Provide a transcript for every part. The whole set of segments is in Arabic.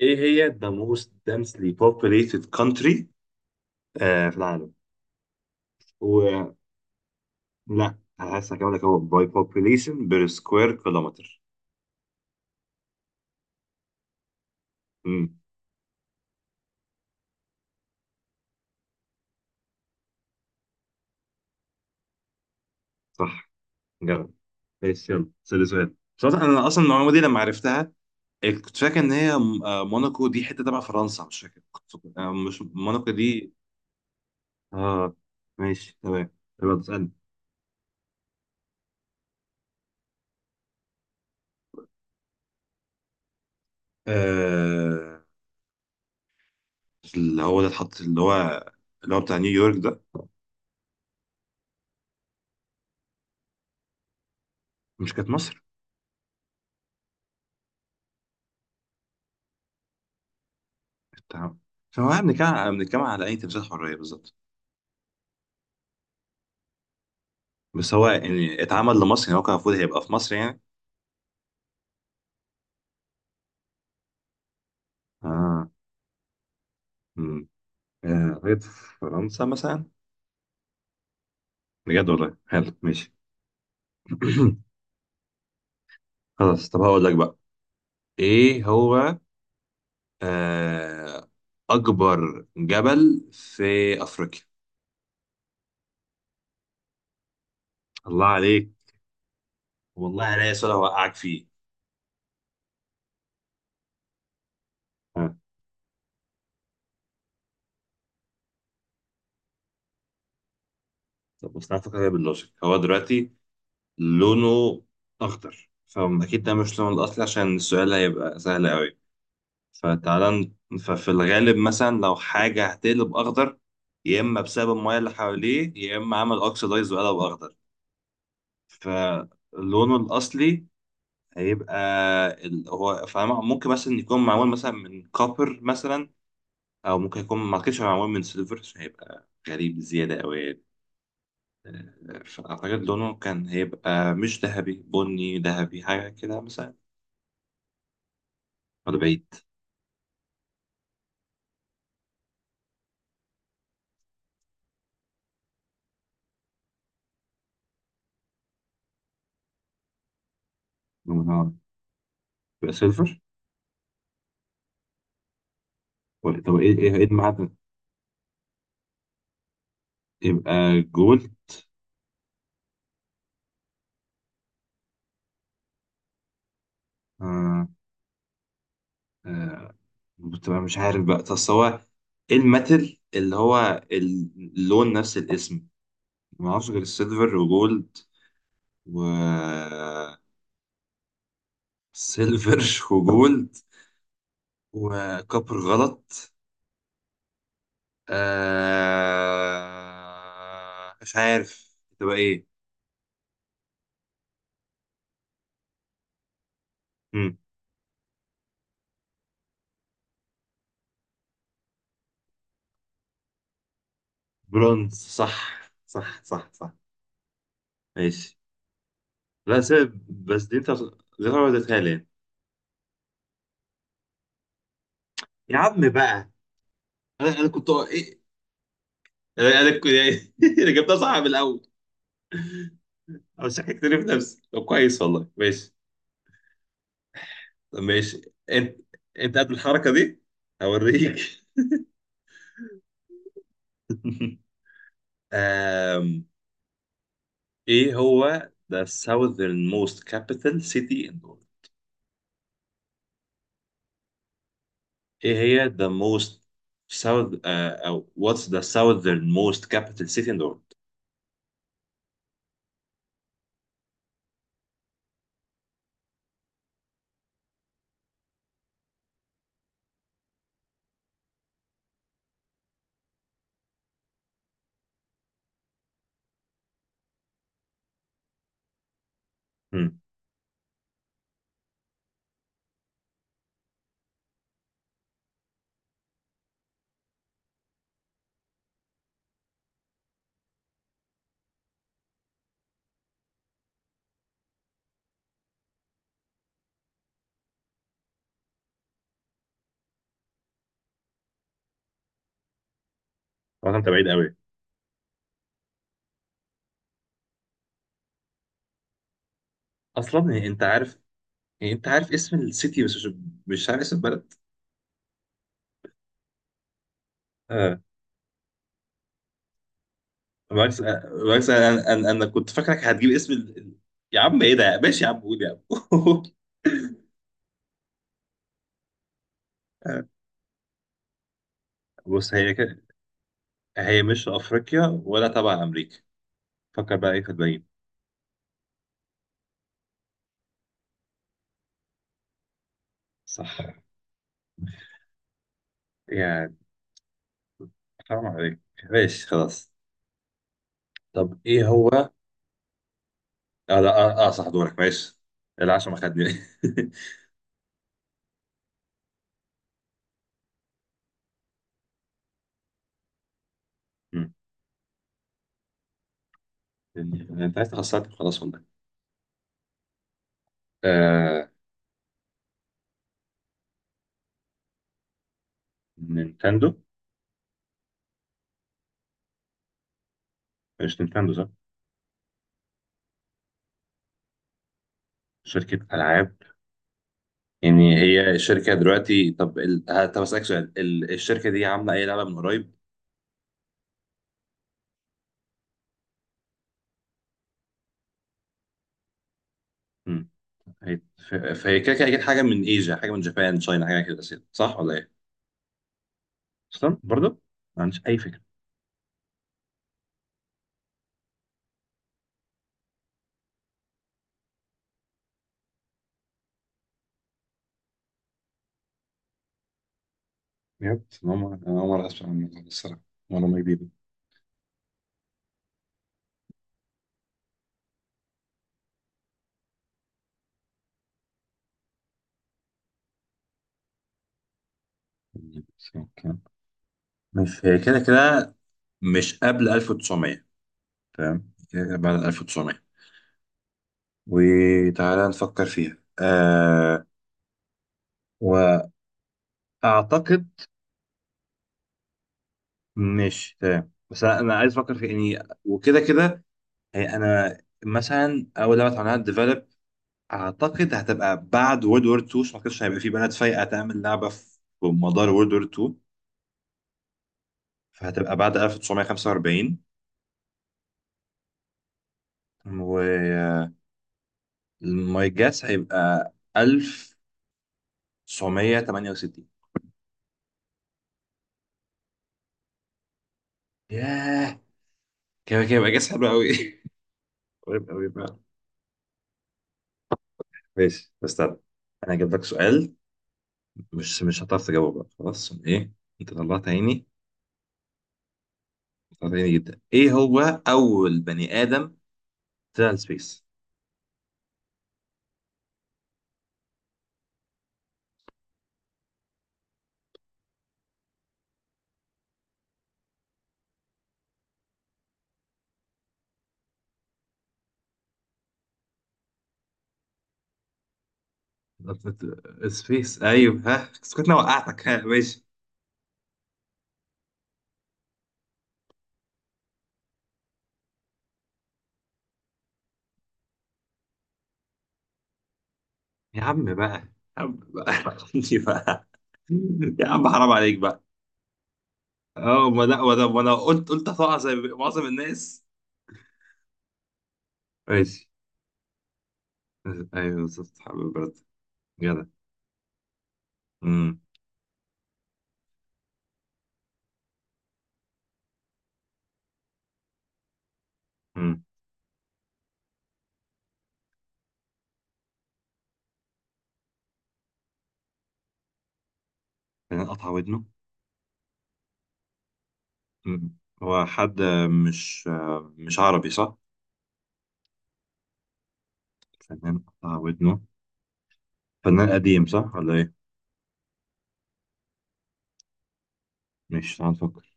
ايه هي the most densely populated country في العالم. و لا، هحس هكمل لك، هو by population per square kilometer. امم صح، جرب. ايش، يلا سأل سؤال، بس أصلاً انا اصلا المعلومه دي لما عرفتها. إيه، كنت فاكر ان هي موناكو دي حته تبع فرنسا، مش فاكر، كنت فاكر- آه، مش موناكو دي. اه، ماشي تمام، يلا تسألني. آه، اللي هو ده اتحط، اللي هو، اللي هو بتاع نيويورك ده. مش كانت مصر؟ تمام، فهو بنتكلم على اي تمثيل حريه بالظبط. بس هو يعني اتعمل لمصر يعني، هو كان المفروض هيبقى في مصر يعني. اه. امم آه، قريت في فرنسا مثلا. بجد والله، حلو، ماشي. خلاص، طب هقول لك بقى ايه هو، آه اكبر جبل في افريقيا. الله عليك، والله عليا سؤال هوقعك فيه. ها، طب بس تعرف فكرة باللوجيك، هو دلوقتي لونه اخضر، فاكيد ده مش لونه الاصلي عشان السؤال هيبقى سهل قوي. فتعالى، ففي الغالب مثلا لو حاجة هتقلب أخضر، يا إما بسبب المياه اللي حواليه، يا إما عمل أوكسيدايز وقلب أخضر. فلونه الأصلي هيبقى هو، فممكن مثلا يكون معمول مثلا من كوبر مثلا، أو ممكن يكون، ما أعتقدش هو معمول من سيلفر عشان هيبقى غريب زيادة أوي يعني. فأعتقد لونه كان هيبقى مش ذهبي، بني ذهبي حاجة كده مثلا، ولا بعيد. لونه نار. يبقى سيلفر. طب إيه، إيه المعدن؟ يبقى جولد. آه. آه. بتبقى مش عارف بقى، بس هو ايه الميتال اللي هو اللون نفس الاسم؟ ما اعرفش غير السيلفر وجولد، و سيلفر وجولد. وكوبر غلط. آه، مش عارف تبقى ايه. مم. برونز صح. صح، صح، صح. ماشي. لا سيب بس دي انت غير وديتها لي يعني. يا عم بقى، انا كنت ايه، انا كنت. انا جبتها صح من الاول، مش هتكتري في نفسي. طب كويس والله، ماشي. طب ماشي. انت، انت قد الحركه دي؟ هوريك. آم، ايه هو the southern most capital city in the world؟ ايه هي the most south، او what's the southern most capital city in the world؟ هم، طبعا انت بعيد قوي. اصلا إيه، انت عارف، إيه، انت عارف اسم السيتي، بس مش عارف اسم البلد. بالعكس، بالعكس، انا انا انا أنا كنت فاكرك هتجيب اسم يا عم ايه ده، ماشي يا عم، قول يا عم. بص، هي كده، هي مش افريقيا ولا تبع امريكا، فكر بقى ايه في الباقيين. صح، يعني. حرام عليك، ماشي خلاص. طب ايه هو، اه لا اه, آه صح، دورك، ماشي. العشاء ما خدني. مم. انت عايز تخسرني خلاص والله. آه... نينتندو. مش نينتندو، صح؟ شركة العاب. يعني هي الشركة دلوقتي، طب طب أسألك سؤال، الشركة دي عاملة أي لعبة من قريب؟ مم. هي... فهي كده كده أكيد حاجة من إيجا، حاجة من جابان تشاينا حاجة كده أساسا، صح ولا إيه؟ أصلا برضه؟ ما عنديش أي فكرة. بجد، أنا أول مرة أسمع عن الموضوع ده الصراحة، معلومة جديدة. بس أوكي. مش هي كده كده مش قبل 1900، تمام، كده كده بعد 1900، وتعالى نفكر فيها. آه، وأعتقد، ماشي تمام، بس أنا عايز افكر في يعني، وكده كده، يعني انا، مثلا اول لعبه اتعملها ديفلوب اعتقد هتبقى بعد وورلد وور 2 عشان ما اعتقدش هيبقى في بلد فايقه تعمل لعبه في مدار وورلد وور 2، فهتبقى بعد 1945. و ماي جاس هيبقى 1968. ياه، كده كده يبقى جاس حلو قوي. قريب قوي بقى، ماشي. استنى، انا هجيب لك سؤال، مش هتعرف تجاوبه بقى خلاص. ايه، انت طلعت عيني، ساعدني جدا. ايه هو اول بني ادم طلع السبيس؟ السبيس ايوه ها، بس كنت انا وقعتك ها، ماشي. يا عم بقى، يا عم بقى. عندي بقى. يا عم حرام عليك بقى. اه، ما لا ما انا ما أنا قلت هتقع زي معظم الناس، ماشي. ايوه بالظبط حبيبي، برد. جدع. امم. امم. فنان قطع ودنه؟ أمم. هو حد، مش مش عربي صح؟ فنان قطع ودنه، فنان قديم صح ولا ايه؟ مش، تعال نفكر.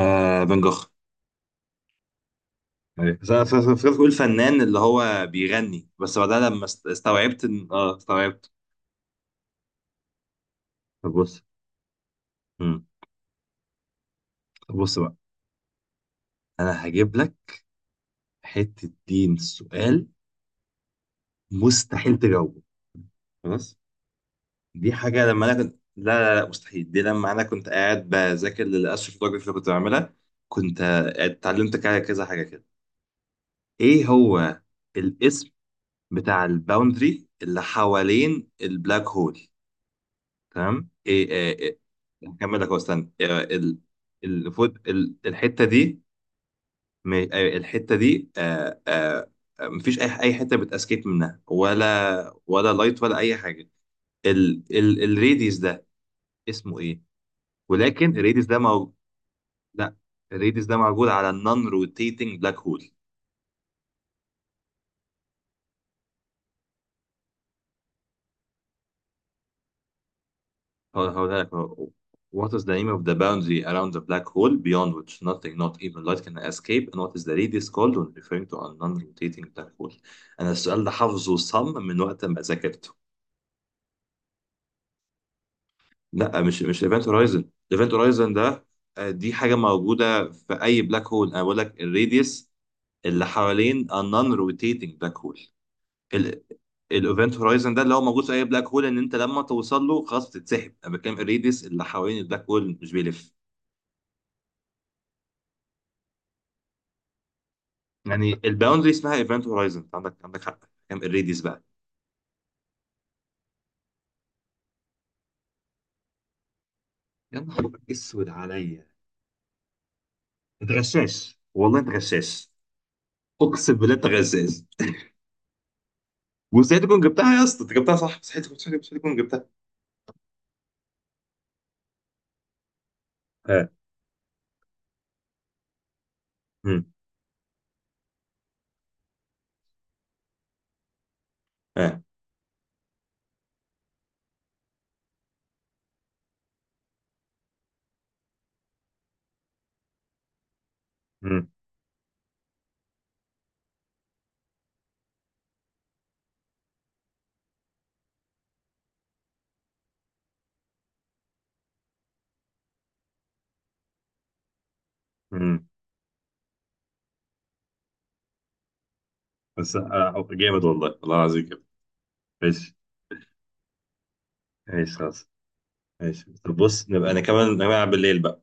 آه، فان جوخ. أيوة. بس انا فكرت بقول فنان اللي هو بيغني، بس بعدها لما استوعبت ان استوعبت. طب بص. مم. طب بص بقى، انا هجيب لك حته دين سؤال مستحيل تجاوبه خلاص. دي حاجه لما انا كنت، لا لا لا، مستحيل، دي لما انا كنت قاعد بذاكر للاستروفوتوجرافي اللي كنت بعملها. كنت اتعلمت كذا حاجه كده. ايه هو الاسم بتاع الباوندري اللي حوالين البلاك هول؟ تمام ايه، إيه. هكمل لك أهو، استنى، إيه، الحته دي، الحته دي، مفيش اي حته بتاسكيب منها، ولا لايت ولا اي حاجه. ال ال الريديس ده اسمه ايه؟ ولكن الريديس ده موجود. لا، الريديس ده موجود على النون روتيتنج بلاك هول. هقولها لك. هو What is the name of the boundary around the black hole beyond which nothing, not even light, can escape? And what is the radius called when referring to a non-rotating black hole؟ أنا السؤال ده حافظه صم من وقت ما ذاكرته. لا، مش ايفنت هورايزن، ايفنت هورايزن ده آه، دي حاجة موجودة في أي بلاك هول، أنا بقول لك الراديوس اللي حوالين a non-rotating black hole. الايفنت هورايزن ده اللي هو موجود في أي بلاك هول إن أنت لما توصل له خلاص بتتسحب، أنا بتكلم الراديوس اللي حوالين البلاك هول مش بيلف. يعني الباوندري اسمها ايفنت هورايزن، أنت عندك حق. كام الريديوس بقى؟ يا نهار اسود عليا، انت غشاش والله، انت غشاش. اقسم بالله انت غشاش. وازاي تكون جبتها يا اسطى؟ انت جبتها صح، مستحيل تكون جبتها. اه. امم. اه. امم. امم. بس جامد، والله والله العظيم جامد. ماشي. ماشي خلاص، ماشي. طب بص نبقى نكمل نلعب بالليل بقى.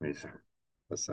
ماشي بس